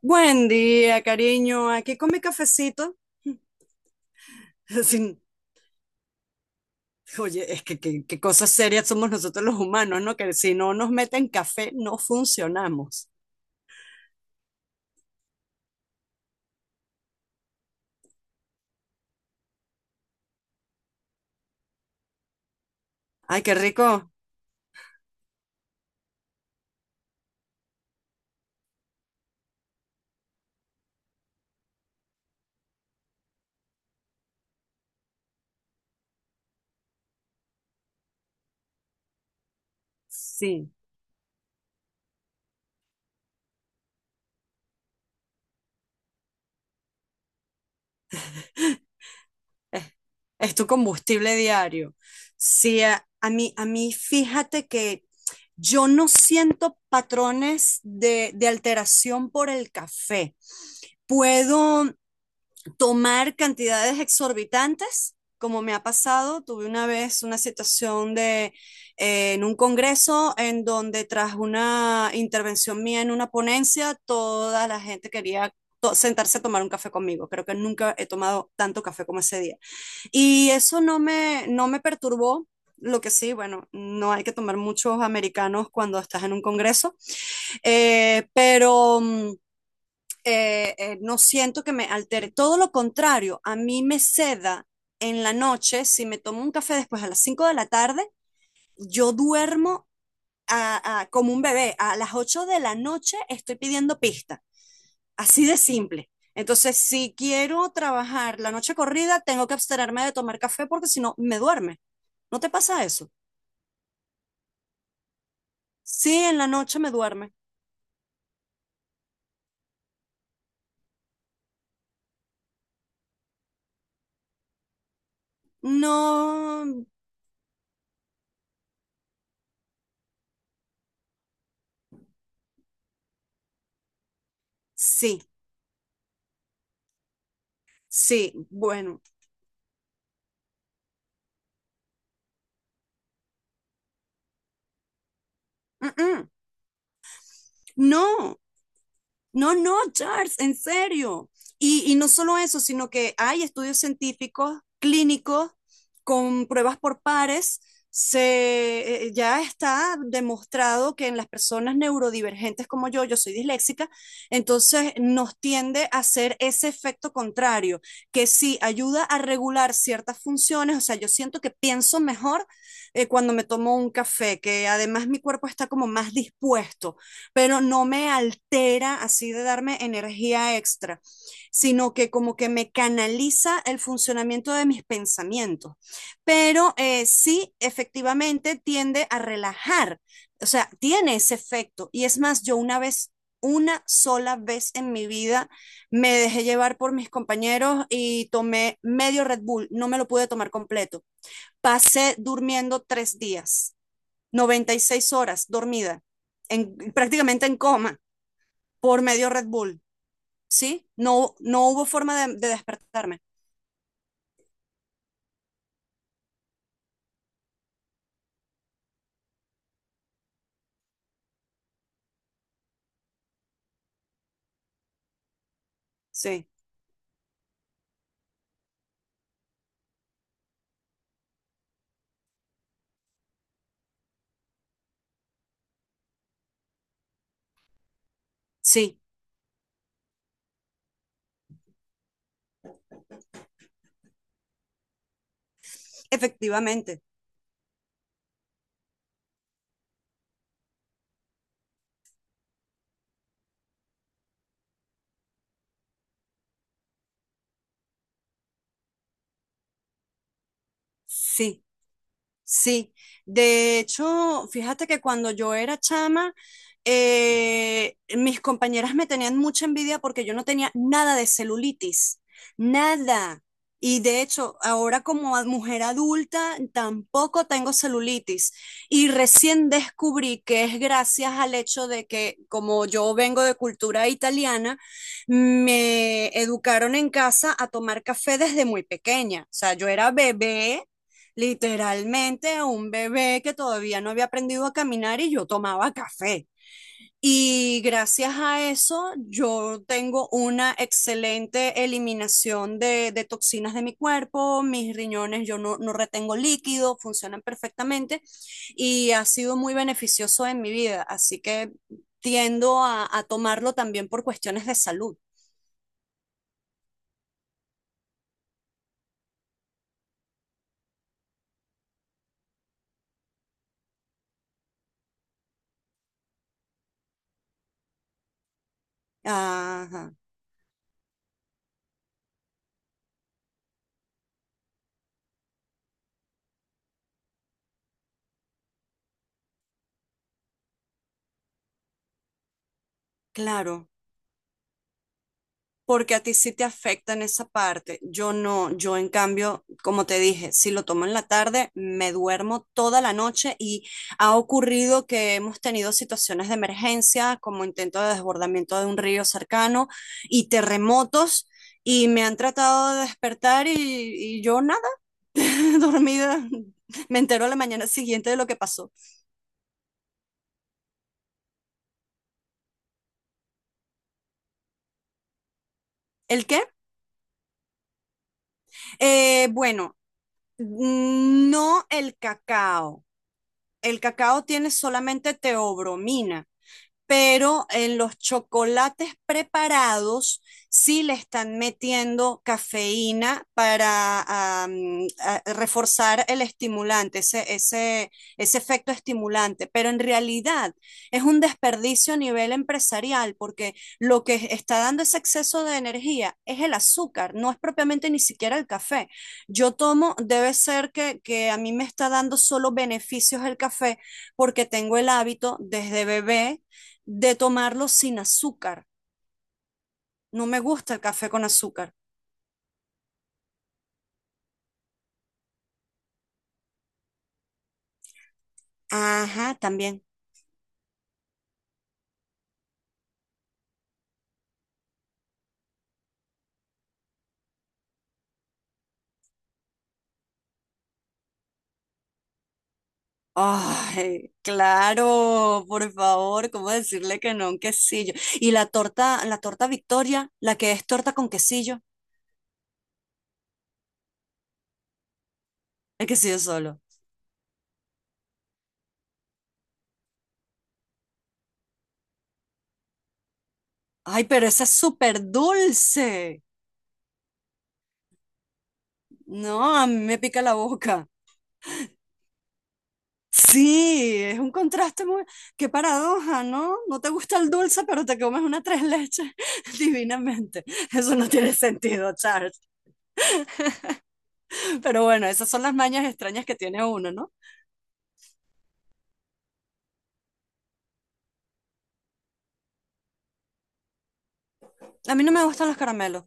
Buen día, cariño. Aquí con mi cafecito. Sin- Oye, es que qué cosas serias somos nosotros los humanos, ¿no? Que si no nos meten café, no funcionamos. Ay, qué rico. Sí, es, es tu combustible diario. Sí, a mí, fíjate que yo no siento patrones de alteración por el café. Puedo tomar cantidades exorbitantes, como me ha pasado. Tuve una vez una situación en un congreso en donde tras una intervención mía en una ponencia, toda la gente quería sentarse a tomar un café conmigo. Creo que nunca he tomado tanto café como ese día. Y eso no me perturbó. Lo que sí, bueno, no hay que tomar muchos americanos cuando estás en un congreso, pero no siento que me altere. Todo lo contrario, a mí me seda en la noche, si me tomo un café después a las 5 de la tarde, yo duermo como un bebé. A las 8 de la noche estoy pidiendo pista. Así de simple. Entonces, si quiero trabajar la noche corrida, tengo que abstenerme de tomar café porque si no, me duerme. ¿No te pasa eso? Sí, en la noche me duerme. No, sí, sí, bueno. mm, mm, No, no, no, Charles, en serio. Y no solo eso, sino que hay estudios científicos, clínicos, con pruebas por pares. Ya está demostrado que en las personas neurodivergentes como yo soy disléxica, entonces nos tiende a hacer ese efecto contrario, que sí ayuda a regular ciertas funciones, o sea, yo siento que pienso mejor cuando me tomo un café, que además mi cuerpo está como más dispuesto, pero no me altera así de darme energía extra, sino que como que me canaliza el funcionamiento de mis pensamientos. Pero sí, efectivamente tiende a relajar, o sea, tiene ese efecto. Y es más, yo una sola vez en mi vida me dejé llevar por mis compañeros y tomé medio Red Bull, no me lo pude tomar completo. Pasé durmiendo 3 días, 96 horas dormida, prácticamente en coma, por medio Red Bull, ¿sí? No, no hubo forma de despertarme, sí, sí, efectivamente, sí. Sí, de hecho, fíjate que cuando yo era chama, mis compañeras me tenían mucha envidia porque yo no tenía nada de celulitis, nada. Y de hecho, ahora como mujer adulta, tampoco tengo celulitis. Y recién descubrí que es gracias al hecho de que, como yo vengo de cultura italiana, me educaron en casa a tomar café desde muy pequeña. O sea, yo era bebé, literalmente un bebé que todavía no había aprendido a caminar y yo tomaba café. Y gracias a eso yo tengo una excelente eliminación de toxinas de mi cuerpo, mis riñones yo no retengo líquido, funcionan perfectamente y ha sido muy beneficioso en mi vida. Así que tiendo a tomarlo también por cuestiones de salud. Ajá, claro, porque a ti sí te afecta en esa parte. Yo no, yo en cambio, como te dije, si lo tomo en la tarde, me duermo toda la noche y ha ocurrido que hemos tenido situaciones de emergencia, como intento de desbordamiento de un río cercano y terremotos. Y me han tratado de despertar y yo nada, dormida. Me entero a la mañana siguiente de lo que pasó. ¿El qué? Bueno, no el cacao tiene solamente teobromina, pero en los chocolates preparados sí le están metiendo cafeína para reforzar el estimulante, ese efecto estimulante. Pero en realidad es un desperdicio a nivel empresarial porque lo que está dando ese exceso de energía es el azúcar, no es propiamente ni siquiera el café. Debe ser que a mí me está dando solo beneficios el café porque tengo el hábito desde bebé de tomarlo sin azúcar. No me gusta el café con azúcar. Ajá, también. Ay, claro, por favor, ¿cómo decirle que no a un quesillo? Y la torta Victoria, la que es torta con quesillo, el quesillo solo. Ay, pero esa es súper dulce. No, a mí me pica la boca. Sí, es un contraste muy. Qué paradoja, ¿no? No te gusta el dulce, pero te comes una tres leches divinamente. Eso no tiene sentido, Charles. Pero bueno, esas son las mañas extrañas que tiene uno, ¿no? A mí no me gustan los caramelos,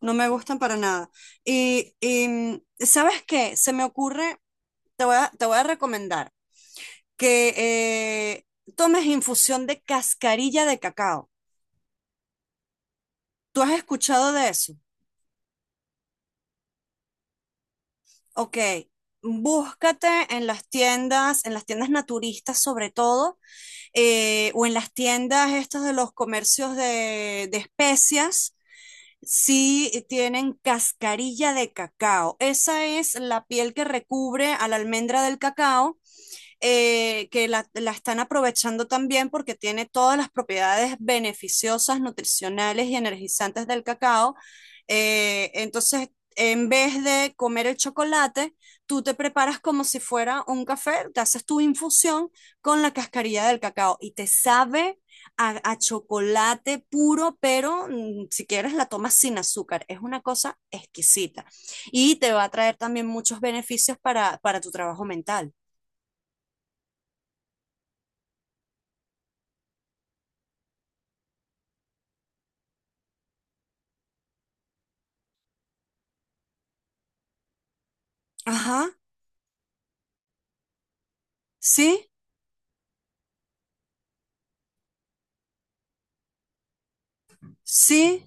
no me gustan para nada. Y, ¿sabes qué? Se me ocurre, te voy a recomendar que tomes infusión de cascarilla de cacao. ¿Tú has escuchado de eso? Ok, búscate en las tiendas naturistas sobre todo, o en las tiendas estas de los comercios de especias. Sí, tienen cascarilla de cacao. Esa es la piel que recubre a la almendra del cacao, que la están aprovechando también porque tiene todas las propiedades beneficiosas, nutricionales y energizantes del cacao. Entonces, en vez de comer el chocolate, tú te preparas como si fuera un café, te haces tu infusión con la cascarilla del cacao y te sabe a chocolate puro, pero si quieres la tomas sin azúcar. Es una cosa exquisita y te va a traer también muchos beneficios para tu trabajo mental. Ajá. Sí, sí,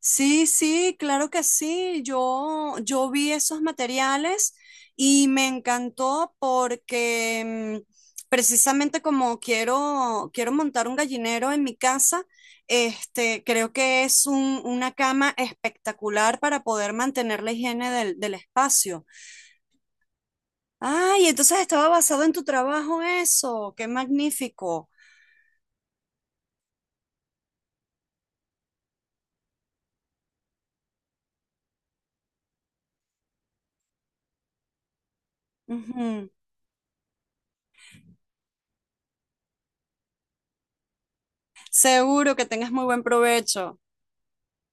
sí, sí, claro que sí. Yo vi esos materiales y me encantó porque precisamente como quiero montar un gallinero en mi casa, este, creo que es una cama espectacular para poder mantener la higiene del espacio. Ay, entonces estaba basado en tu trabajo eso. Qué magnífico. Ujú. Seguro que tengas muy buen provecho.